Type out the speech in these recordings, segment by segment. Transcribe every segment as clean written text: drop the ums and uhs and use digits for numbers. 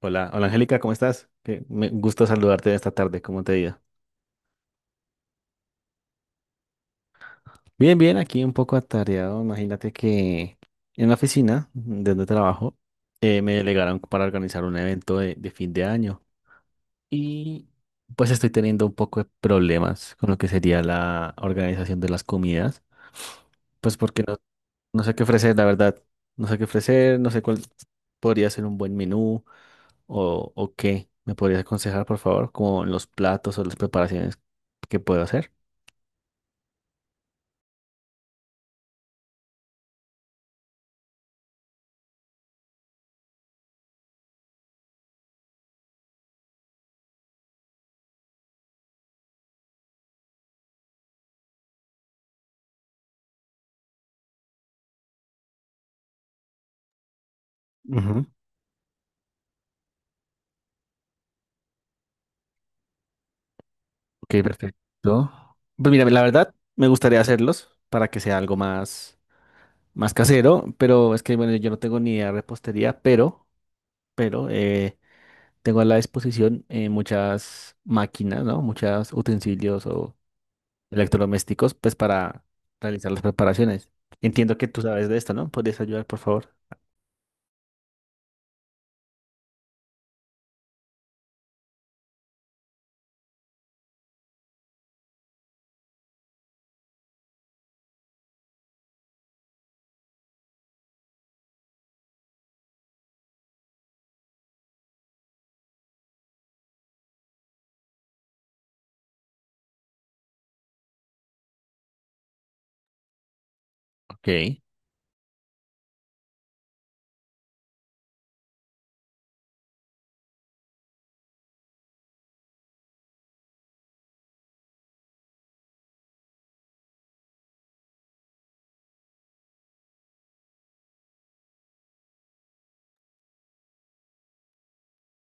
Hola, hola Angélica, ¿cómo estás? Que me gusta saludarte esta tarde, ¿cómo te ha ido? Bien, bien, aquí un poco atareado. Imagínate que en la oficina de donde trabajo, me delegaron para organizar un evento de fin de año y pues estoy teniendo un poco de problemas con lo que sería la organización de las comidas, pues porque no sé qué ofrecer, la verdad, no sé qué ofrecer, no sé cuál podría ser un buen menú. O qué me podrías aconsejar, por favor, como en los platos o las preparaciones que puedo hacer. Ujú. Ok, perfecto. Pues mira, la verdad, me gustaría hacerlos para que sea algo más, más casero, pero es que, bueno, yo no tengo ni idea de repostería, pero, pero tengo a la disposición, muchas máquinas, ¿no? Muchos utensilios o electrodomésticos, pues para realizar las preparaciones. Entiendo que tú sabes de esto, ¿no? ¿Podrías ayudar, por favor? Ok.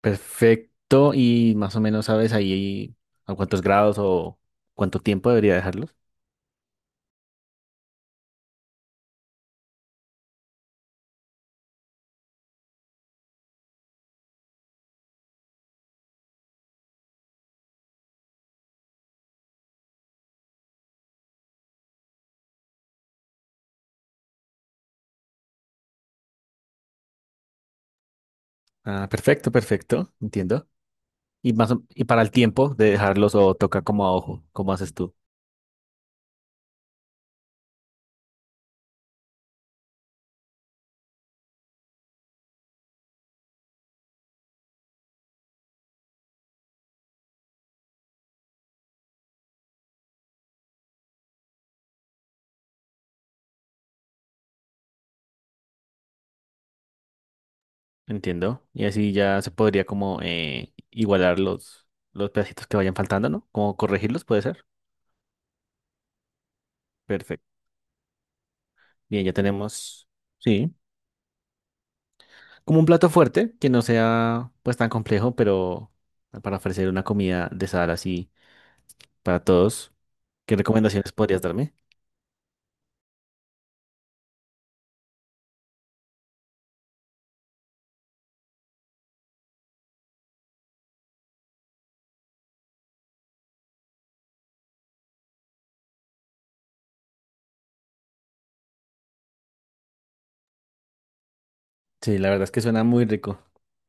Perfecto. Y más o menos sabes ahí a cuántos grados o cuánto tiempo debería dejarlos. Ah, perfecto, perfecto. Entiendo. Y para el tiempo de dejarlos o toca como a ojo, cómo haces tú. Entiendo. Y así ya se podría como, igualar los pedacitos que vayan faltando, ¿no? Como corregirlos, puede ser. Perfecto. Bien, ya tenemos, sí, como un plato fuerte que no sea pues tan complejo, pero para ofrecer una comida de sal así para todos. ¿Qué recomendaciones podrías darme? Sí, la verdad es que suena muy rico.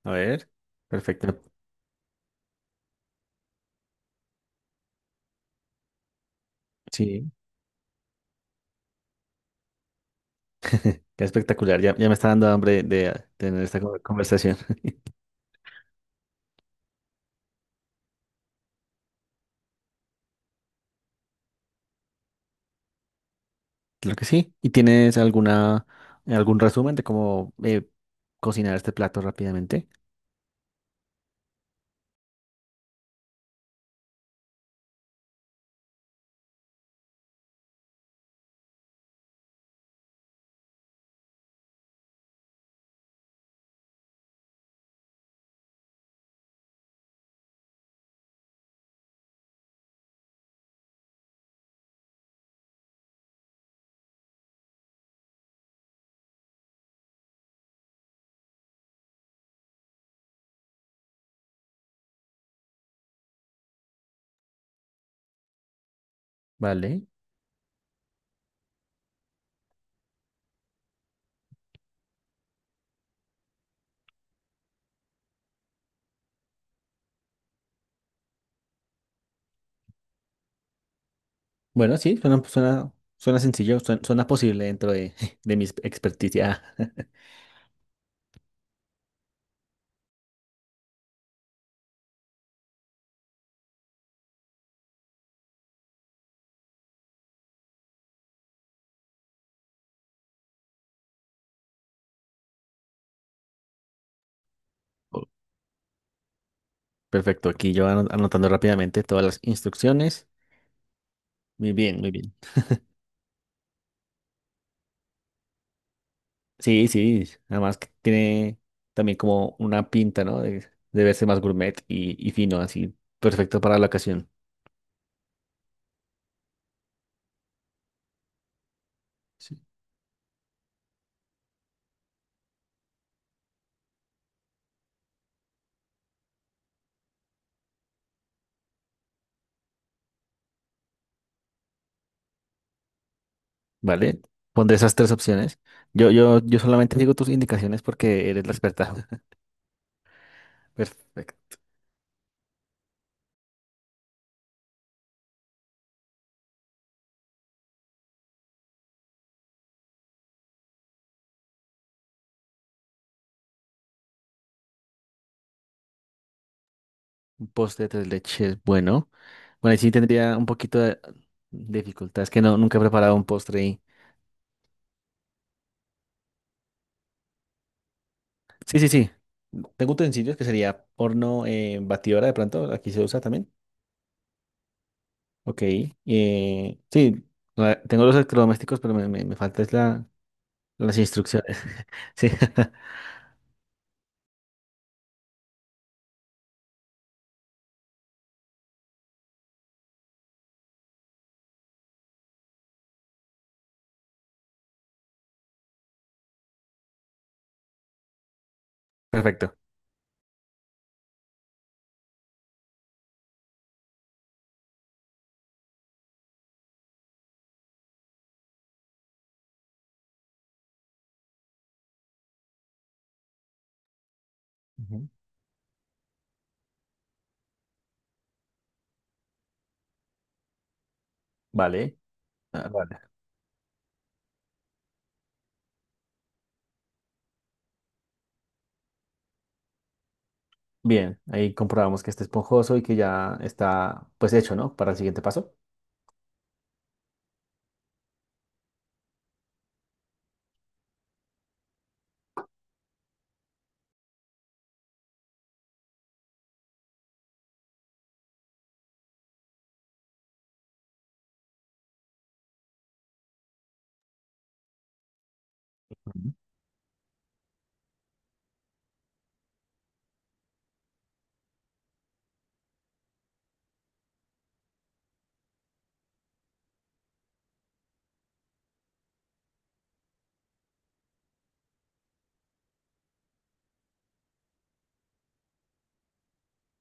A ver, perfecto. Sí, qué espectacular. Ya, ya me está dando hambre de tener esta conversación. Claro que sí. ¿Y tienes alguna, algún resumen de cómo, cocinar este plato rápidamente? Vale. Bueno, sí, suena, suena sencillo, suena posible dentro de, de mi experticia. Perfecto, aquí yo anotando rápidamente todas las instrucciones. Muy bien, muy bien. Sí, sí, además que tiene también como una pinta, ¿no? De verse más gourmet y fino, así, perfecto para la ocasión. Sí. ¿Vale? Pondré esas tres opciones. Yo solamente digo tus indicaciones porque eres la experta. Perfecto. Un postre de tres leches, bueno. Bueno, ahí sí tendría un poquito de dificultad, es que no, nunca he preparado un postre y… Sí, sí, sí. Tengo utensilios que sería horno, batidora de pronto, aquí se usa también. Ok, sí, tengo los electrodomésticos, pero me falta es la, las instrucciones. Sí, perfecto. Ujú. Vale, ah, vale. Bien, ahí comprobamos que está esponjoso y que ya está pues hecho, ¿no? Para el siguiente paso. Ujú.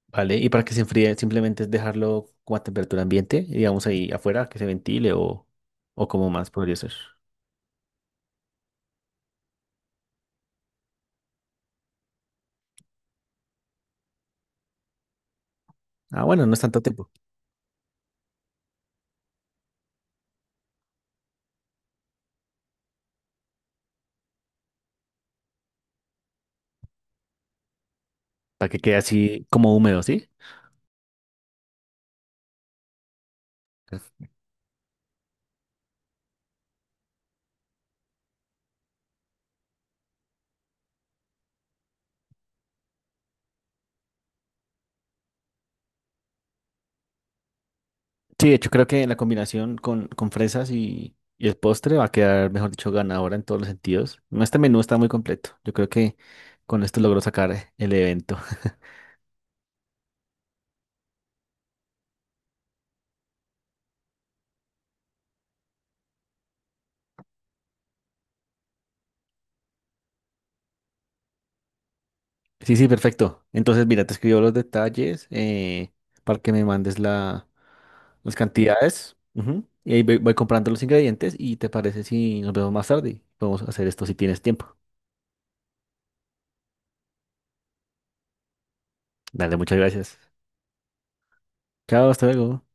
Vale, y para que se enfríe simplemente es dejarlo como a temperatura ambiente, digamos ahí afuera, que se ventile o como más podría ser. Ah, bueno, no es tanto tiempo, para que quede así como húmedo, ¿sí? Sí, de hecho creo que la combinación con fresas y el postre va a quedar, mejor dicho, ganadora en todos los sentidos. No, este menú está muy completo. Yo creo que con esto logro sacar el evento. Sí, sí, perfecto. Entonces, mira, te escribo los detalles, para que me mandes la, las cantidades. Ujú. Y ahí voy, voy comprando los ingredientes y te parece si nos vemos más tarde. Podemos hacer esto si tienes tiempo. Dale, muchas gracias. Chao, hasta luego.